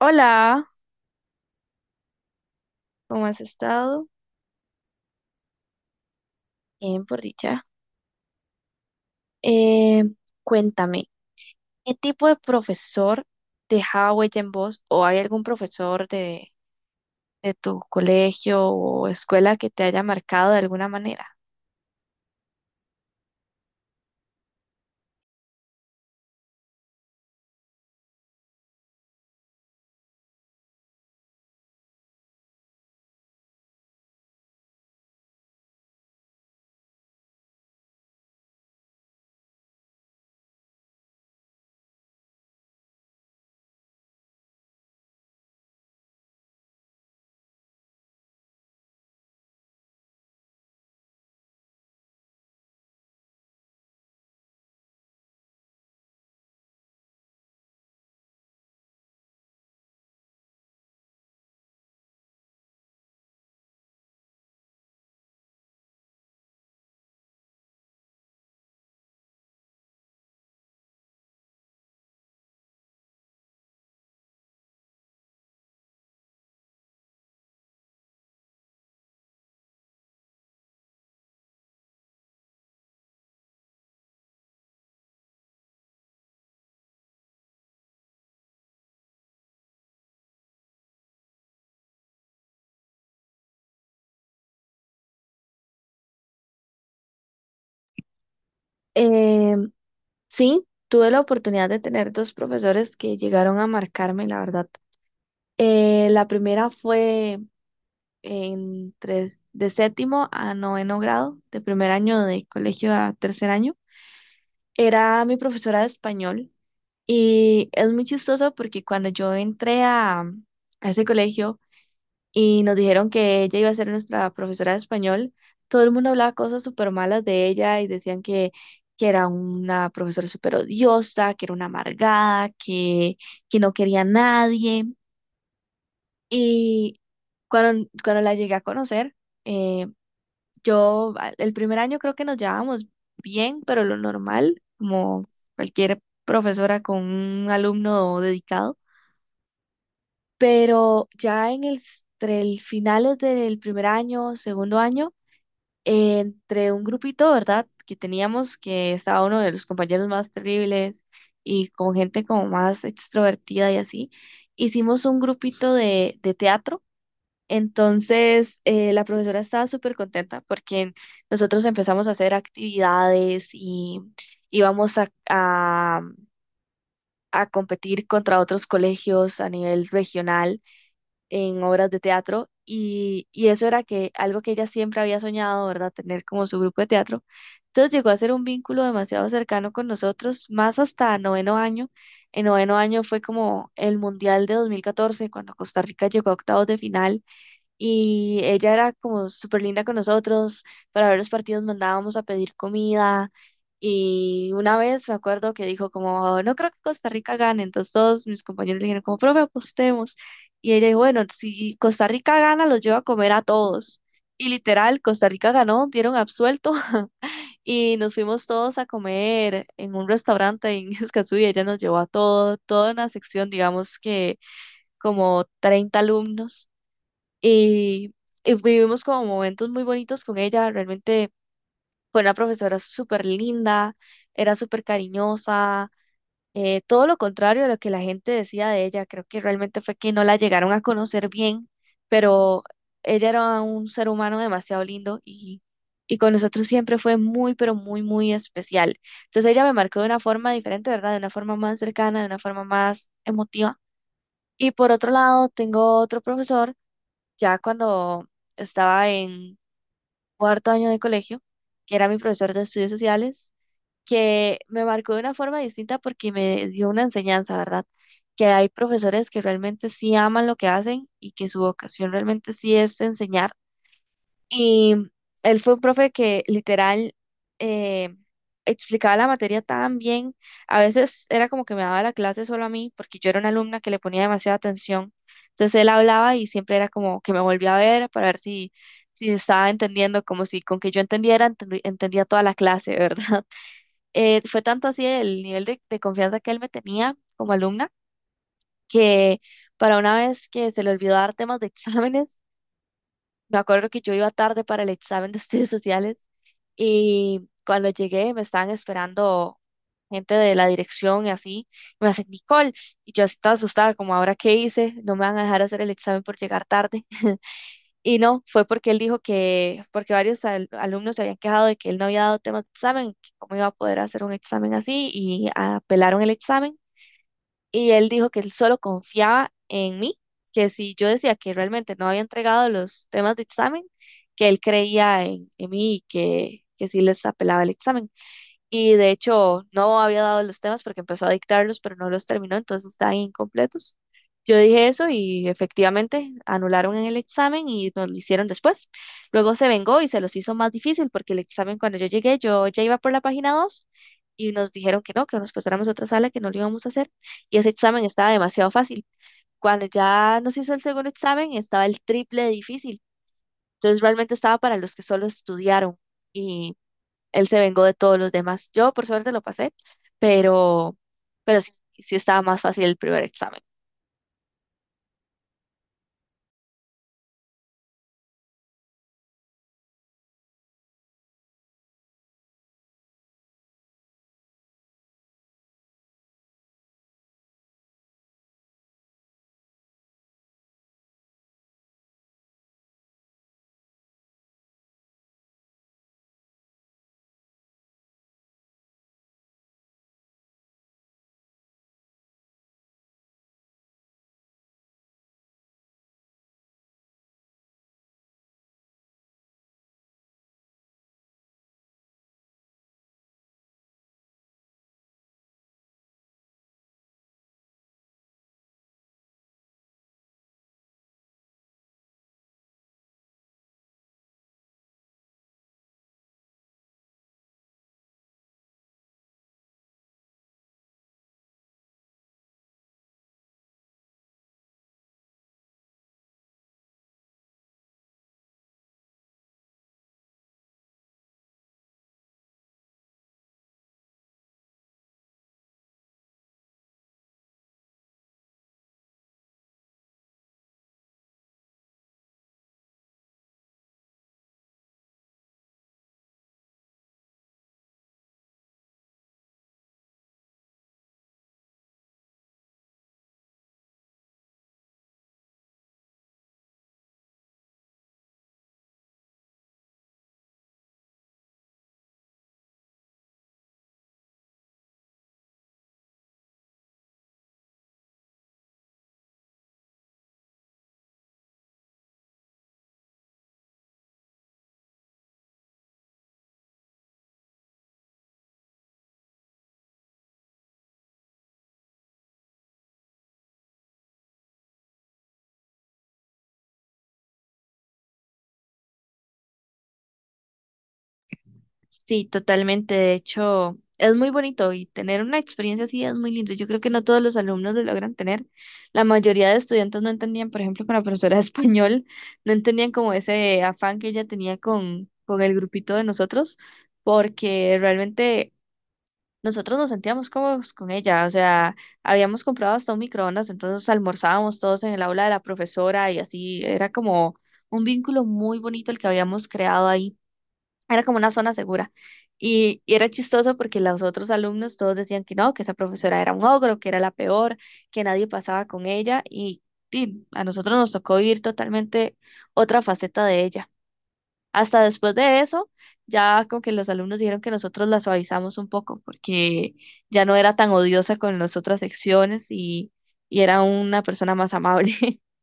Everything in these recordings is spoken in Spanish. Hola, ¿cómo has estado? Bien, por dicha. Eh, Cuéntame, ¿qué tipo de profesor dejaba huella en vos? ¿O hay algún profesor de tu colegio o escuela que te haya marcado de alguna manera? Eh, sí, tuve la oportunidad de tener dos profesores que llegaron a marcarme, la verdad. La primera fue de séptimo a noveno grado, de primer año de colegio a tercer año. Era mi profesora de español. Y es muy chistoso porque cuando yo a ese colegio y nos dijeron que ella iba a ser nuestra profesora de español, todo el mundo hablaba cosas súper malas de ella y que era una profesora súper odiosa, que era una amargada, que no quería a nadie. Y cuando la llegué a conocer, eh, yo el primer año creo que nos llevábamos bien, pero lo normal, como cualquier profesora con un alumno dedicado. Pero ya entre el finales del primer año, segundo año, entre un grupito, ¿verdad? Que teníamos, que estaba uno de los compañeros más terribles y con gente como más extrovertida y así, hicimos un grupito de teatro. Entonces, la profesora estaba súper contenta porque nosotros empezamos a hacer actividades y íbamos a competir contra otros colegios a nivel regional en obras de teatro y eso era que algo que ella siempre había soñado, ¿verdad? Tener como su grupo de teatro. Entonces llegó a ser un vínculo demasiado cercano con nosotros, más hasta noveno año. En noveno año fue como el Mundial de 2014, cuando Costa Rica llegó a octavos de final y ella era como súper linda con nosotros. Para ver los partidos mandábamos a pedir comida. Y una vez me acuerdo que dijo como, no creo que Costa Rica gane. Entonces todos mis compañeros le dijeron como, profe, apostemos. Y ella dijo, bueno, si Costa Rica gana, los llevo a comer a todos. Y literal, Costa Rica ganó, dieron absuelto. Y nos fuimos todos a comer en un restaurante en Escazú y ella nos llevó a todo, toda una sección, digamos que como 30 alumnos y, y vivimos como momentos muy bonitos con ella. Realmente fue una profesora súper linda, era súper cariñosa, todo lo contrario a lo que la gente decía de ella. Creo que realmente fue que no la llegaron a conocer bien, pero ella era un ser humano demasiado lindo y con nosotros siempre fue muy, pero muy, muy especial. Entonces ella me marcó de una forma diferente, ¿verdad? De una forma más cercana, de una forma más emotiva. Y por otro lado, tengo otro profesor ya cuando estaba en cuarto año de colegio, que era mi profesor de estudios sociales, que me marcó de una forma distinta porque me dio una enseñanza, ¿verdad? Que hay profesores que realmente sí aman lo que hacen y que su vocación realmente sí es enseñar y él fue un profe que literal eh, explicaba la materia tan bien. A veces era como que me daba la clase solo a mí, porque yo era una alumna que le ponía demasiada atención. Entonces él hablaba y siempre era como que me volvía a ver para ver si estaba entendiendo, como si con que yo entendiera, entendía toda la clase, ¿verdad? Fue tanto así el nivel de confianza que él me tenía como alumna, que para una vez que se le olvidó dar temas de exámenes, me acuerdo que yo iba tarde para el examen de estudios sociales y cuando llegué me estaban esperando gente de la dirección y así. Y me hacen, Nicole, y yo así toda asustada, como ahora qué hice, no me van a dejar hacer el examen por llegar tarde. Y no, fue porque él dijo porque varios alumnos se habían quejado de que él no había dado temas de examen, que cómo iba a poder hacer un examen así y apelaron el examen. Y él dijo que él solo confiaba en mí, que si yo decía que realmente no había entregado los temas de examen, que él creía en mí y que sí les apelaba el examen. Y de hecho, no había dado los temas porque empezó a dictarlos, pero no los terminó, entonces están incompletos. Yo dije eso y efectivamente anularon en el examen y nos lo hicieron después. Luego se vengó y se los hizo más difícil porque el examen cuando yo llegué, yo ya iba por la página 2 y nos dijeron que no, que nos pasáramos a otra sala, que no lo íbamos a hacer. Y ese examen estaba demasiado fácil. Cuando ya nos hizo el segundo examen, estaba el triple de difícil. Entonces realmente estaba para los que solo estudiaron, él se vengó de todos los demás. Yo, por suerte, lo pasé, pero, pero sí, sí estaba más fácil el primer examen. Sí, totalmente. De hecho, es muy bonito y tener una experiencia así es muy lindo. Yo creo que no todos los alumnos lo logran tener. La mayoría de estudiantes no entendían, por ejemplo, con la profesora de español, no entendían como ese afán que ella tenía con el grupito de nosotros, porque realmente nosotros nos sentíamos cómodos con ella, o sea, habíamos comprado hasta un microondas, entonces almorzábamos todos en el aula de la profesora y así, era como un vínculo muy bonito el que habíamos creado ahí, era como una zona segura. Y era chistoso porque los otros alumnos todos decían que no, que esa profesora era un ogro, que era la peor, que nadie pasaba con ella y a nosotros nos tocó vivir totalmente otra faceta de ella. Hasta después de eso, ya como que los alumnos dijeron que nosotros la suavizamos un poco porque ya no era tan odiosa con las otras secciones y era una persona más amable.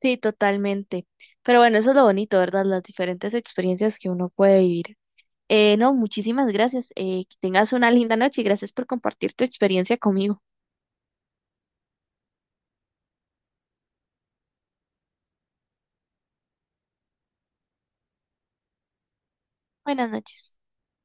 Sí, totalmente. Pero bueno, eso es lo bonito, ¿verdad? Las diferentes experiencias que uno puede vivir. No, muchísimas gracias. Que tengas una linda noche y gracias por compartir tu experiencia conmigo. Buenas noches.